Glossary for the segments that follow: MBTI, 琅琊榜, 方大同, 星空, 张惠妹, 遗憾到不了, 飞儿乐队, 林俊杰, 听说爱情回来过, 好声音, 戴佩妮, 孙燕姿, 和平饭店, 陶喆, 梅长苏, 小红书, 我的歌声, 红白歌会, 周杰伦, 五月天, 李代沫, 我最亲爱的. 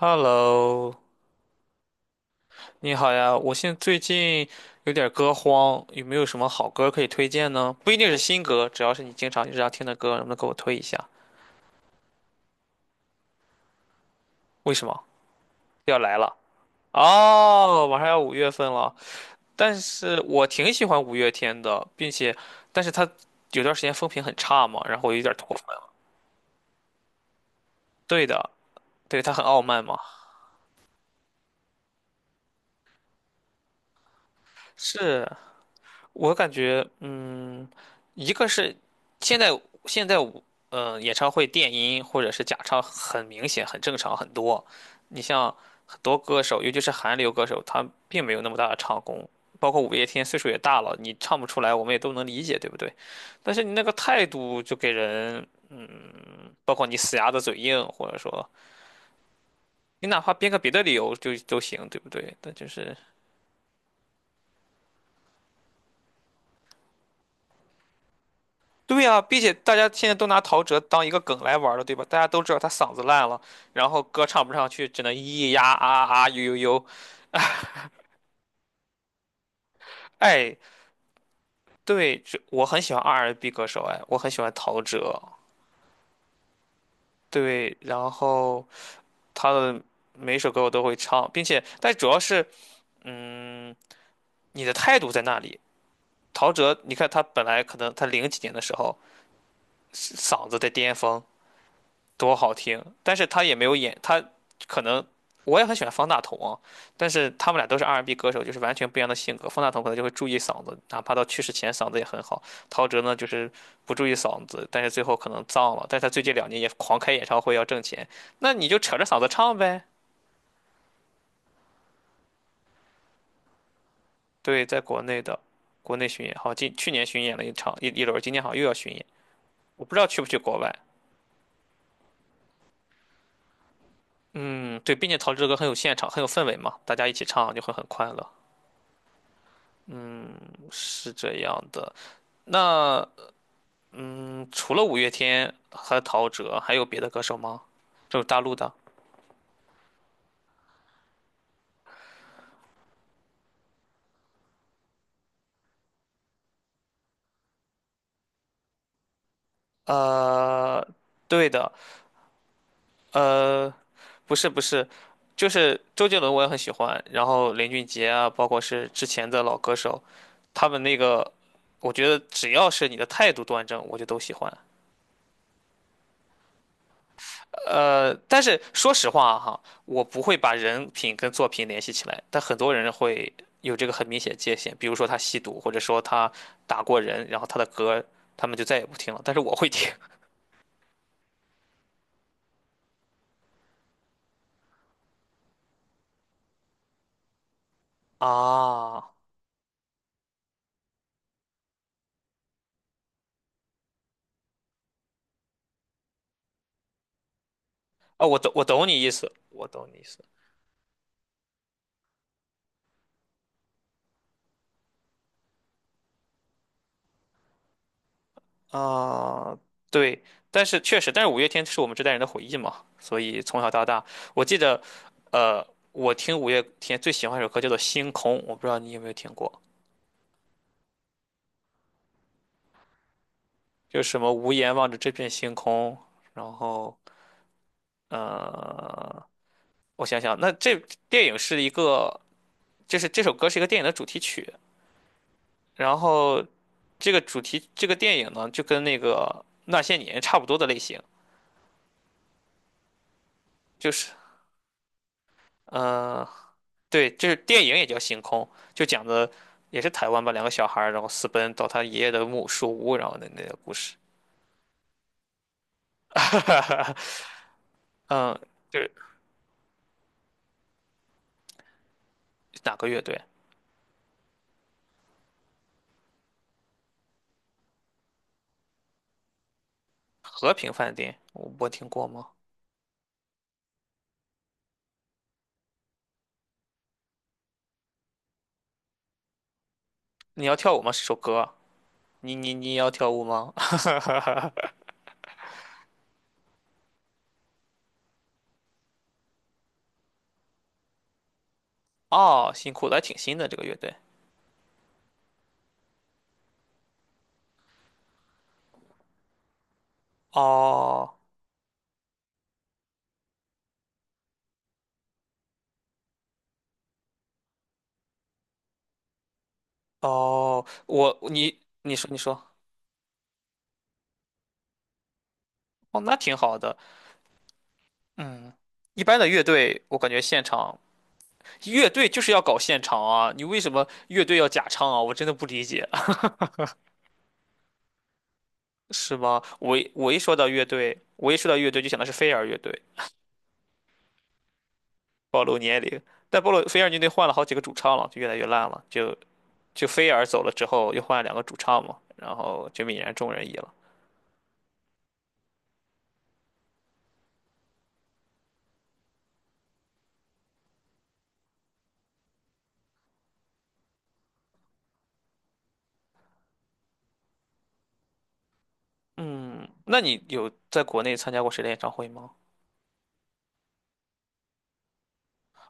Hello，你好呀！我现在最近有点歌荒，有没有什么好歌可以推荐呢？不一定是新歌，只要是你经常日常听的歌，能不能给我推一下？为什么要来了？哦，马上要五月份了，但是我挺喜欢五月天的，并且，但是他有段时间风评很差嘛，然后我有点脱粉。对的，对，他很傲慢嘛。是，我感觉，一个是现在现在我，演唱会电音或者是假唱很明显、很正常很多。你像很多歌手，尤其是韩流歌手，他并没有那么大的唱功。包括五月天岁数也大了，你唱不出来，我们也都能理解，对不对？但是你那个态度就给人，包括你死鸭子嘴硬，或者说你哪怕编个别的理由就都行，对不对？但就是对呀，并且大家现在都拿陶喆当一个梗来玩儿了，对吧？大家都知道他嗓子烂了，然后歌唱不上去，只能咿咿呀啊啊呦呦呦。哎，对，这我很喜欢 R&B 歌手，哎，我很喜欢陶喆，对，然后他的每首歌我都会唱，并且，但主要是你的态度在那里。陶喆，你看他本来可能他零几年的时候嗓子在巅峰，多好听，但是他也没有演，他可能我也很喜欢方大同啊，但是他们俩都是 R&B 歌手，就是完全不一样的性格。方大同可能就会注意嗓子，哪怕到去世前嗓子也很好。陶喆呢，就是不注意嗓子，但是最后可能脏了。但是他最近两年也狂开演唱会要挣钱，那你就扯着嗓子唱呗。对，在国内的国内巡演，好，今去年巡演了一场一轮，今年好像又要巡演，我不知道去不去国外。嗯，对，并且陶喆的歌很有现场，很有氛围嘛，大家一起唱就会很快乐，是这样的。那除了五月天和陶喆，还有别的歌手吗？就是大陆的。呃，对的，呃，不是不是，就是周杰伦我也很喜欢，然后林俊杰啊，包括是之前的老歌手，他们那个，我觉得只要是你的态度端正，我就都喜欢。但是说实话哈，我不会把人品跟作品联系起来，但很多人会有这个很明显界限，比如说他吸毒，或者说他打过人，然后他的歌他们就再也不听了，但是我会听 啊啊，我懂你意思，我懂你意思啊，对，但是确实，但是五月天是我们这代人的回忆嘛，所以从小到大，我记得，呃，我听五月天最喜欢一首歌叫做《星空》，我不知道你有没有听过。就什么无言望着这片星空，然后呃，我想想，那这电影是一个，就是这首歌是一个电影的主题曲，然后这个主题这个电影呢，就跟那个那些年差不多的类型，就是呃，对，就是电影也叫星空，就讲的也是台湾吧，两个小孩儿然后私奔到他爷爷的木树屋，然后那个故事，嗯，就是哪个乐队？和平饭店，我听过吗？你要跳舞吗？是首歌。你要跳舞吗？哦，辛苦了，还挺新的这个乐队。哦哦，我你你说你说，哦，那挺好的。嗯，一般的乐队，我感觉现场乐队就是要搞现场啊，你为什么乐队要假唱啊？我真的不理解，是吗？我一说到乐队就想的是飞儿乐队，暴露年龄。但暴露飞儿乐队换了好几个主唱了，就越来越烂了。就飞儿走了之后，又换了两个主唱嘛，然后就泯然众人矣了。嗯，那你有在国内参加过谁的演唱会吗？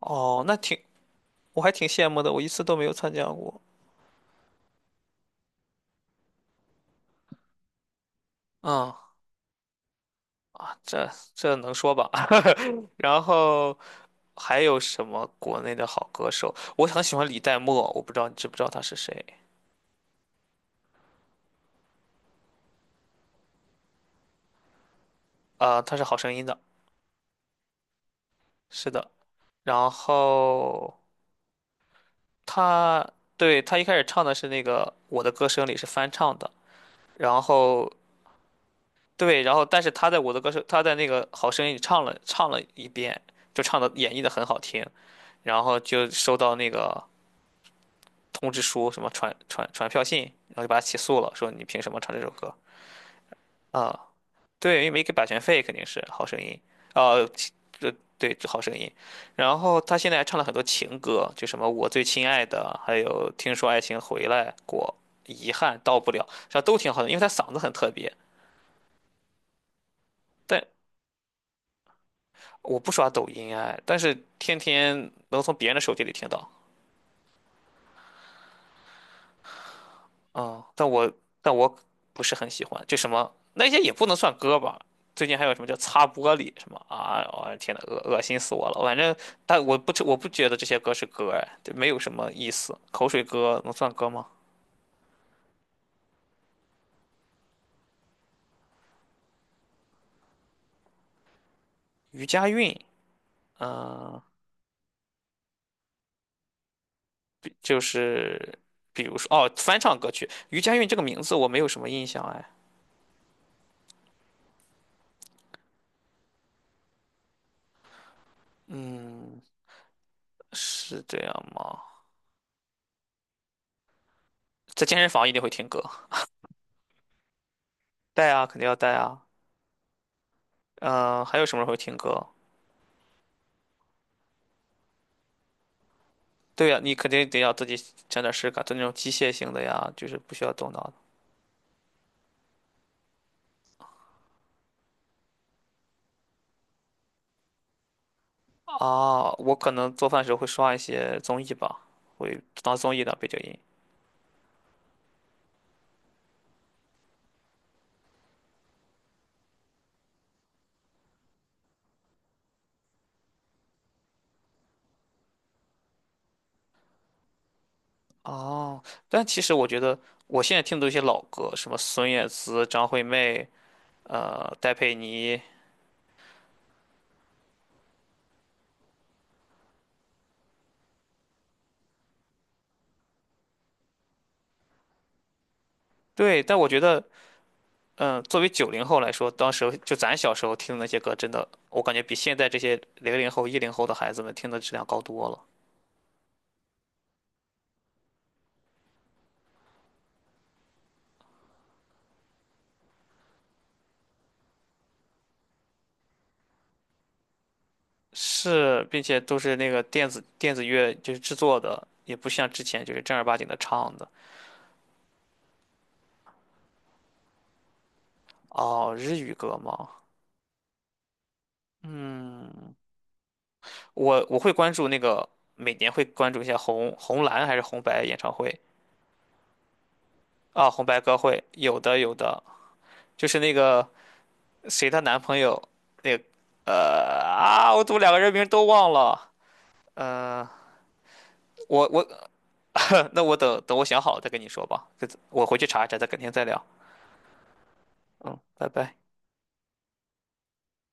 哦，那挺，我还挺羡慕的，我一次都没有参加过。嗯，这能说吧？然后还有什么国内的好歌手？我很喜欢李代沫，我不知道你知不知道他是谁？啊、他是《好声音》的，是的。然后他对他一开始唱的是那个《我的歌声》里是翻唱的，然后对，然后但是他在我的歌声，他在那个好声音里唱了一遍，就唱的演绎的很好听，然后就收到那个通知书，什么传票信，然后就把他起诉了，说你凭什么唱这首歌啊？对，因为没给版权费，肯定是好声音，呃，这对这好声音，然后他现在还唱了很多情歌，就什么我最亲爱的，还有听说爱情回来过，遗憾到不了，这都挺好的，因为他嗓子很特别。但我不刷抖音哎，但是天天能从别人的手机里听到，嗯，但我不是很喜欢，就什么那些也不能算歌吧。最近还有什么叫擦玻璃什么啊？我、天呐，恶心死我了！反正，但我不觉得这些歌是歌哎，对没有什么意思。口水歌能算歌吗？余佳韵，嗯、就是比如说哦，翻唱歌曲余佳韵这个名字我没有什么印象哎，嗯，是这样吗？在健身房一定会听歌。带啊，肯定要带啊。嗯、还有什么会听歌？对呀、你肯定得要自己整点事干，就那种机械性的呀，就是不需要动脑的。哦，我可能做饭的时候会刷一些综艺吧，会当综艺的背景音。哦，但其实我觉得我现在听的一些老歌，什么孙燕姿、张惠妹，戴佩妮，对，但我觉得，作为九零后来说，当时就咱小时候听的那些歌，真的，我感觉比现在这些零零后、一零后的孩子们听的质量高多了。是，并且都是那个电子乐就是制作的，也不像之前就是正儿八经的唱的。哦，日语歌吗？嗯，我会关注那个，每年会关注一下红蓝还是红白演唱会啊，红白歌会，有的有的，就是那个谁她男朋友那个啊，我怎么两个人名都忘了？嗯，我我那我等等我想好了再跟你说吧，这我回去查一查，再改天再聊。嗯，拜拜。